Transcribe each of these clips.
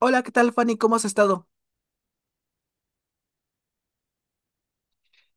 Hola, ¿qué tal, Fanny? ¿Cómo has estado?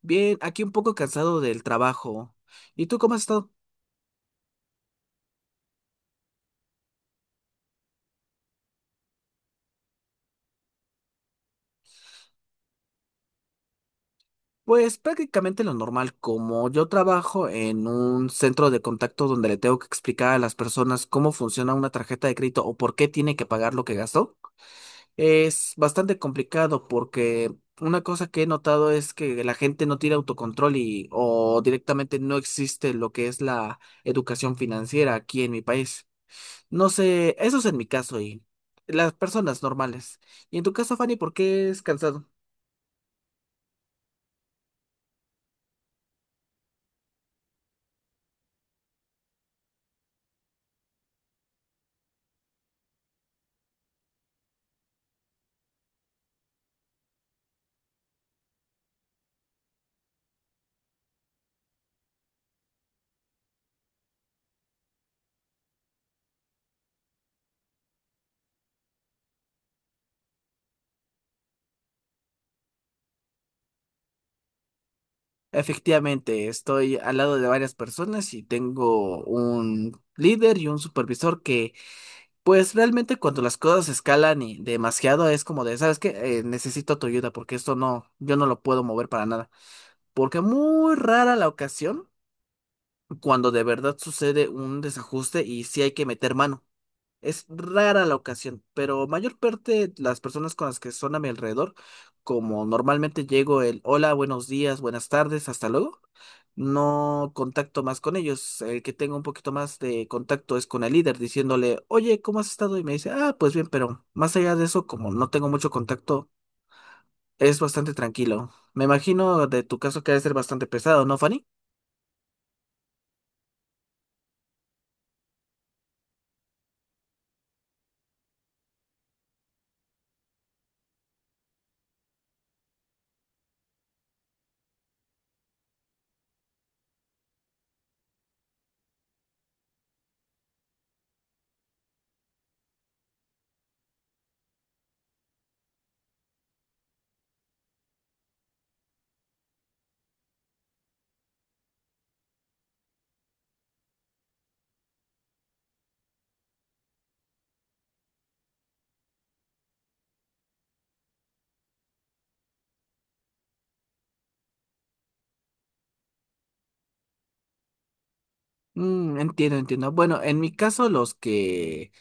Bien, aquí un poco cansado del trabajo. ¿Y tú cómo has estado? Pues prácticamente lo normal, como yo trabajo en un centro de contacto donde le tengo que explicar a las personas cómo funciona una tarjeta de crédito o por qué tiene que pagar lo que gastó. Es bastante complicado porque una cosa que he notado es que la gente no tiene autocontrol y o directamente no existe lo que es la educación financiera aquí en mi país. No sé, eso es en mi caso y las personas normales. Y en tu caso, Fanny, ¿por qué es cansado? Efectivamente, estoy al lado de varias personas y tengo un líder y un supervisor que, pues realmente cuando las cosas escalan y demasiado es como de, ¿sabes qué? Necesito tu ayuda porque esto no, yo no lo puedo mover para nada. Porque muy rara la ocasión cuando de verdad sucede un desajuste y sí hay que meter mano. Es rara la ocasión, pero mayor parte las personas con las que son a mi alrededor, como normalmente llego el hola, buenos días, buenas tardes, hasta luego, no contacto más con ellos. El que tengo un poquito más de contacto es con el líder, diciéndole, oye, ¿cómo has estado? Y me dice, ah, pues bien, pero más allá de eso, como no tengo mucho contacto, es bastante tranquilo. Me imagino de tu caso que debe ser bastante pesado, ¿no, Fanny? Mm, entiendo, entiendo. Bueno, en mi caso los que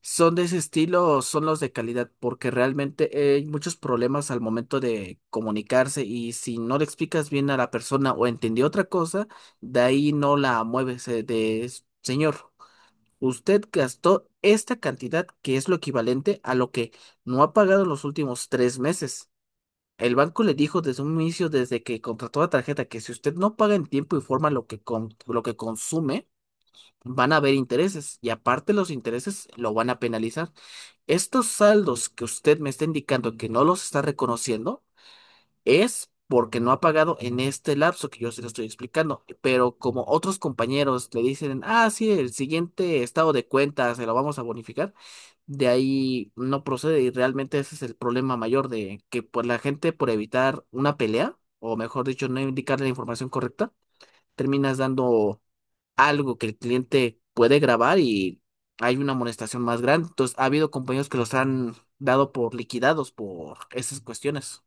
son de ese estilo son los de calidad, porque realmente hay muchos problemas al momento de comunicarse y si no le explicas bien a la persona o entendió otra cosa, de ahí no la mueves de señor. Usted gastó esta cantidad que es lo equivalente a lo que no ha pagado en los últimos 3 meses. El banco le dijo desde un inicio, desde que contrató la tarjeta, que si usted no paga en tiempo y forma lo que, lo que consume, van a haber intereses y aparte los intereses lo van a penalizar. Estos saldos que usted me está indicando que no los está reconociendo es porque no ha pagado en este lapso que yo se lo estoy explicando, pero como otros compañeros le dicen, ah, sí, el siguiente estado de cuenta se lo vamos a bonificar, de ahí no procede y realmente ese es el problema mayor de que pues, la gente por evitar una pelea, o mejor dicho, no indicar la información correcta, terminas dando algo que el cliente puede grabar y hay una amonestación más grande. Entonces, ha habido compañeros que los han dado por liquidados por esas cuestiones.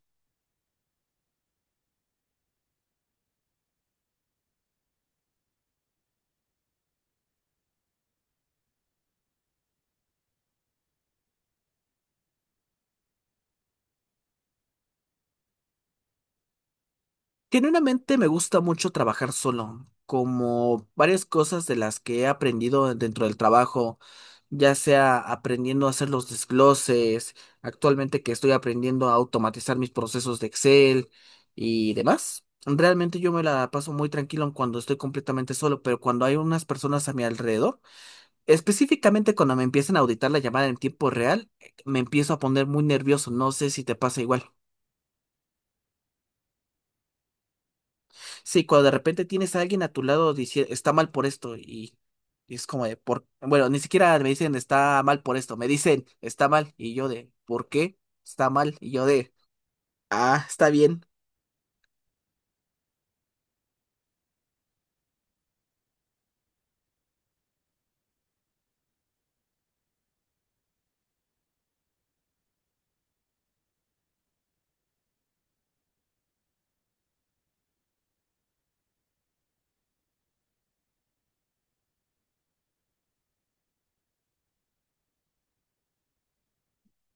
Genuinamente me gusta mucho trabajar solo, como varias cosas de las que he aprendido dentro del trabajo, ya sea aprendiendo a hacer los desgloses, actualmente que estoy aprendiendo a automatizar mis procesos de Excel y demás. Realmente yo me la paso muy tranquilo cuando estoy completamente solo, pero cuando hay unas personas a mi alrededor, específicamente cuando me empiezan a auditar la llamada en tiempo real, me empiezo a poner muy nervioso. No sé si te pasa igual. Sí, cuando de repente tienes a alguien a tu lado diciendo está mal por esto y es como de por bueno, ni siquiera me dicen está mal por esto, me dicen está mal y yo de ¿por qué? Está mal y yo de ah, está bien.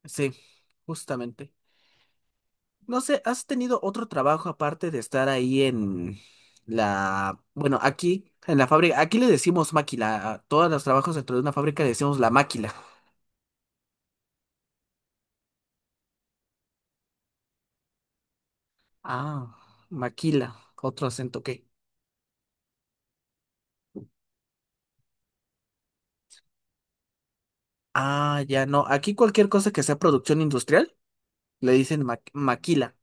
Sí, justamente. No sé, ¿has tenido otro trabajo aparte de estar ahí en la, bueno, aquí, en la fábrica? Aquí le decimos máquila, a todos los trabajos dentro de una fábrica le decimos la máquila. Ah, maquila, otro acento, ¿qué? Ah, ya no, aquí cualquier cosa que sea producción industrial le dicen maquila.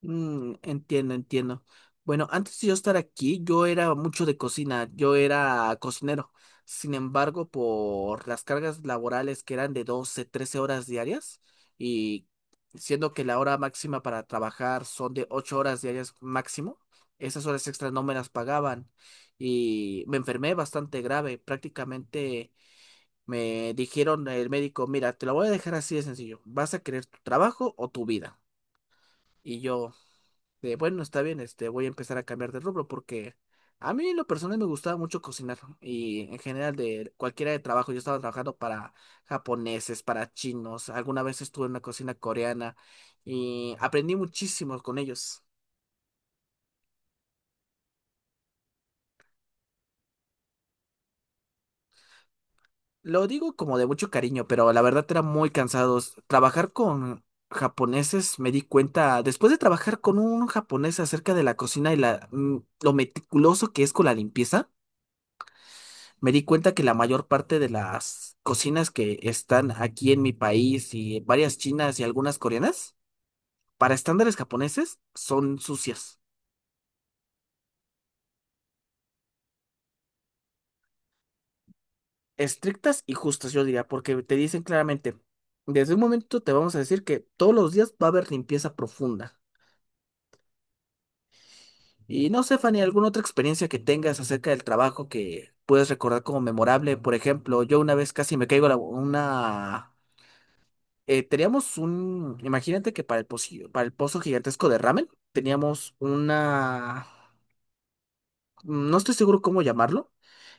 Mm, entiendo, entiendo. Bueno, antes de yo estar aquí, yo era mucho de cocina, yo era cocinero. Sin embargo, por las cargas laborales que eran de 12, 13 horas diarias, y siendo que la hora máxima para trabajar son de 8 horas diarias máximo, esas horas extras no me las pagaban. Y me enfermé bastante grave. Prácticamente me dijeron el médico, mira, te lo voy a dejar así de sencillo. ¿Vas a querer tu trabajo o tu vida? Y yo de, bueno, está bien, voy a empezar a cambiar de rubro porque a mí en lo personal me gustaba mucho cocinar y en general de cualquiera de trabajo, yo estaba trabajando para japoneses, para chinos, alguna vez estuve en una cocina coreana y aprendí muchísimo con ellos. Lo digo como de mucho cariño, pero la verdad era muy cansados. Trabajar con japoneses me di cuenta, después de trabajar con un japonés acerca de la cocina y la, lo meticuloso que es con la limpieza, me di cuenta que la mayor parte de las cocinas que están aquí en mi país y varias chinas y algunas coreanas, para estándares japoneses, son sucias, estrictas y justas, yo diría, porque te dicen claramente, desde un momento te vamos a decir que todos los días va a haber limpieza profunda. Y no sé, Fanny, ¿alguna otra experiencia que tengas acerca del trabajo que puedes recordar como memorable? Por ejemplo, yo una vez casi me caigo una teníamos un, imagínate que para el pozo gigantesco de ramen, teníamos una, no estoy seguro cómo llamarlo,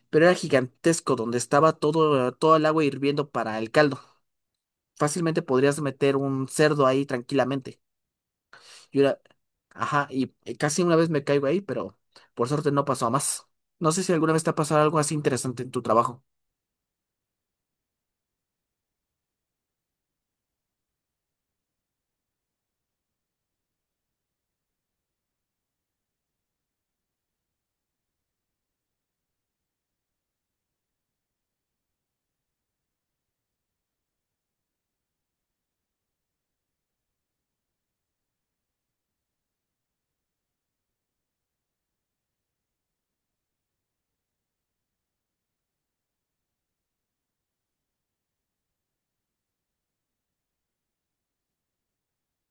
pero era gigantesco, donde estaba todo el agua hirviendo para el caldo. Fácilmente podrías meter un cerdo ahí tranquilamente. Y era- ajá, y casi una vez me caigo ahí, pero por suerte no pasó a más. No sé si alguna vez te ha pasado algo así interesante en tu trabajo.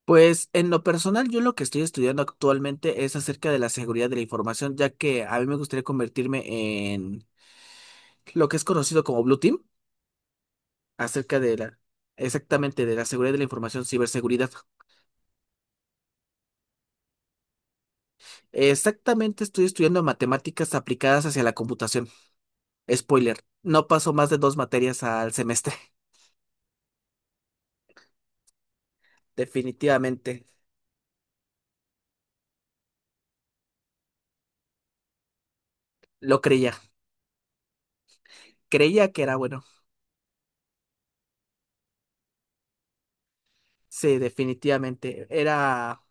Pues en lo personal, yo lo que estoy estudiando actualmente es acerca de la seguridad de la información, ya que a mí me gustaría convertirme en lo que es conocido como Blue Team, acerca de la, exactamente, de la seguridad de la información, ciberseguridad. Exactamente, estoy estudiando matemáticas aplicadas hacia la computación. Spoiler, no paso más de dos materias al semestre. Definitivamente, lo creía. Creía que era bueno. Sí, definitivamente. Era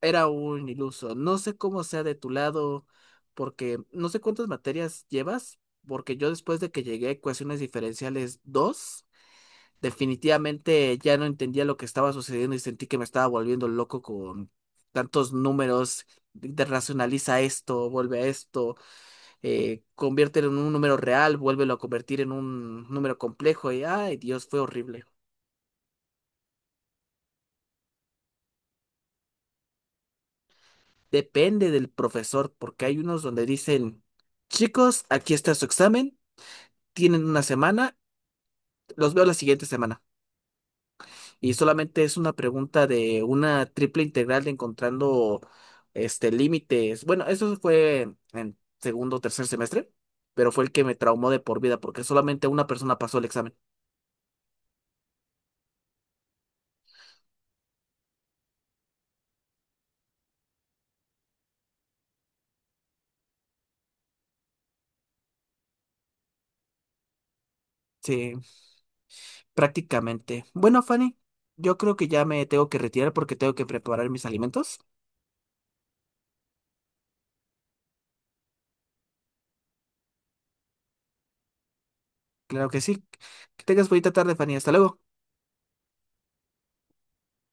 era un iluso. No sé cómo sea de tu lado, porque no sé cuántas materias llevas, porque yo después de que llegué a ecuaciones diferenciales 2 definitivamente ya no entendía lo que estaba sucediendo y sentí que me estaba volviendo loco con tantos números. De racionaliza esto, vuelve a esto, conviértelo en un número real, vuélvelo a convertir en un número complejo y, ay, Dios, fue horrible. Depende del profesor, porque hay unos donde dicen, chicos, aquí está su examen. Tienen una semana, los veo la siguiente semana. Y solamente es una pregunta de una triple integral de encontrando este límites. Bueno, eso fue en segundo o tercer semestre, pero fue el que me traumó de por vida porque solamente una persona pasó el examen. Sí, prácticamente. Bueno, Fanny, yo creo que ya me tengo que retirar porque tengo que preparar mis alimentos. Claro que sí. Que tengas bonita tarde, Fanny. Hasta luego.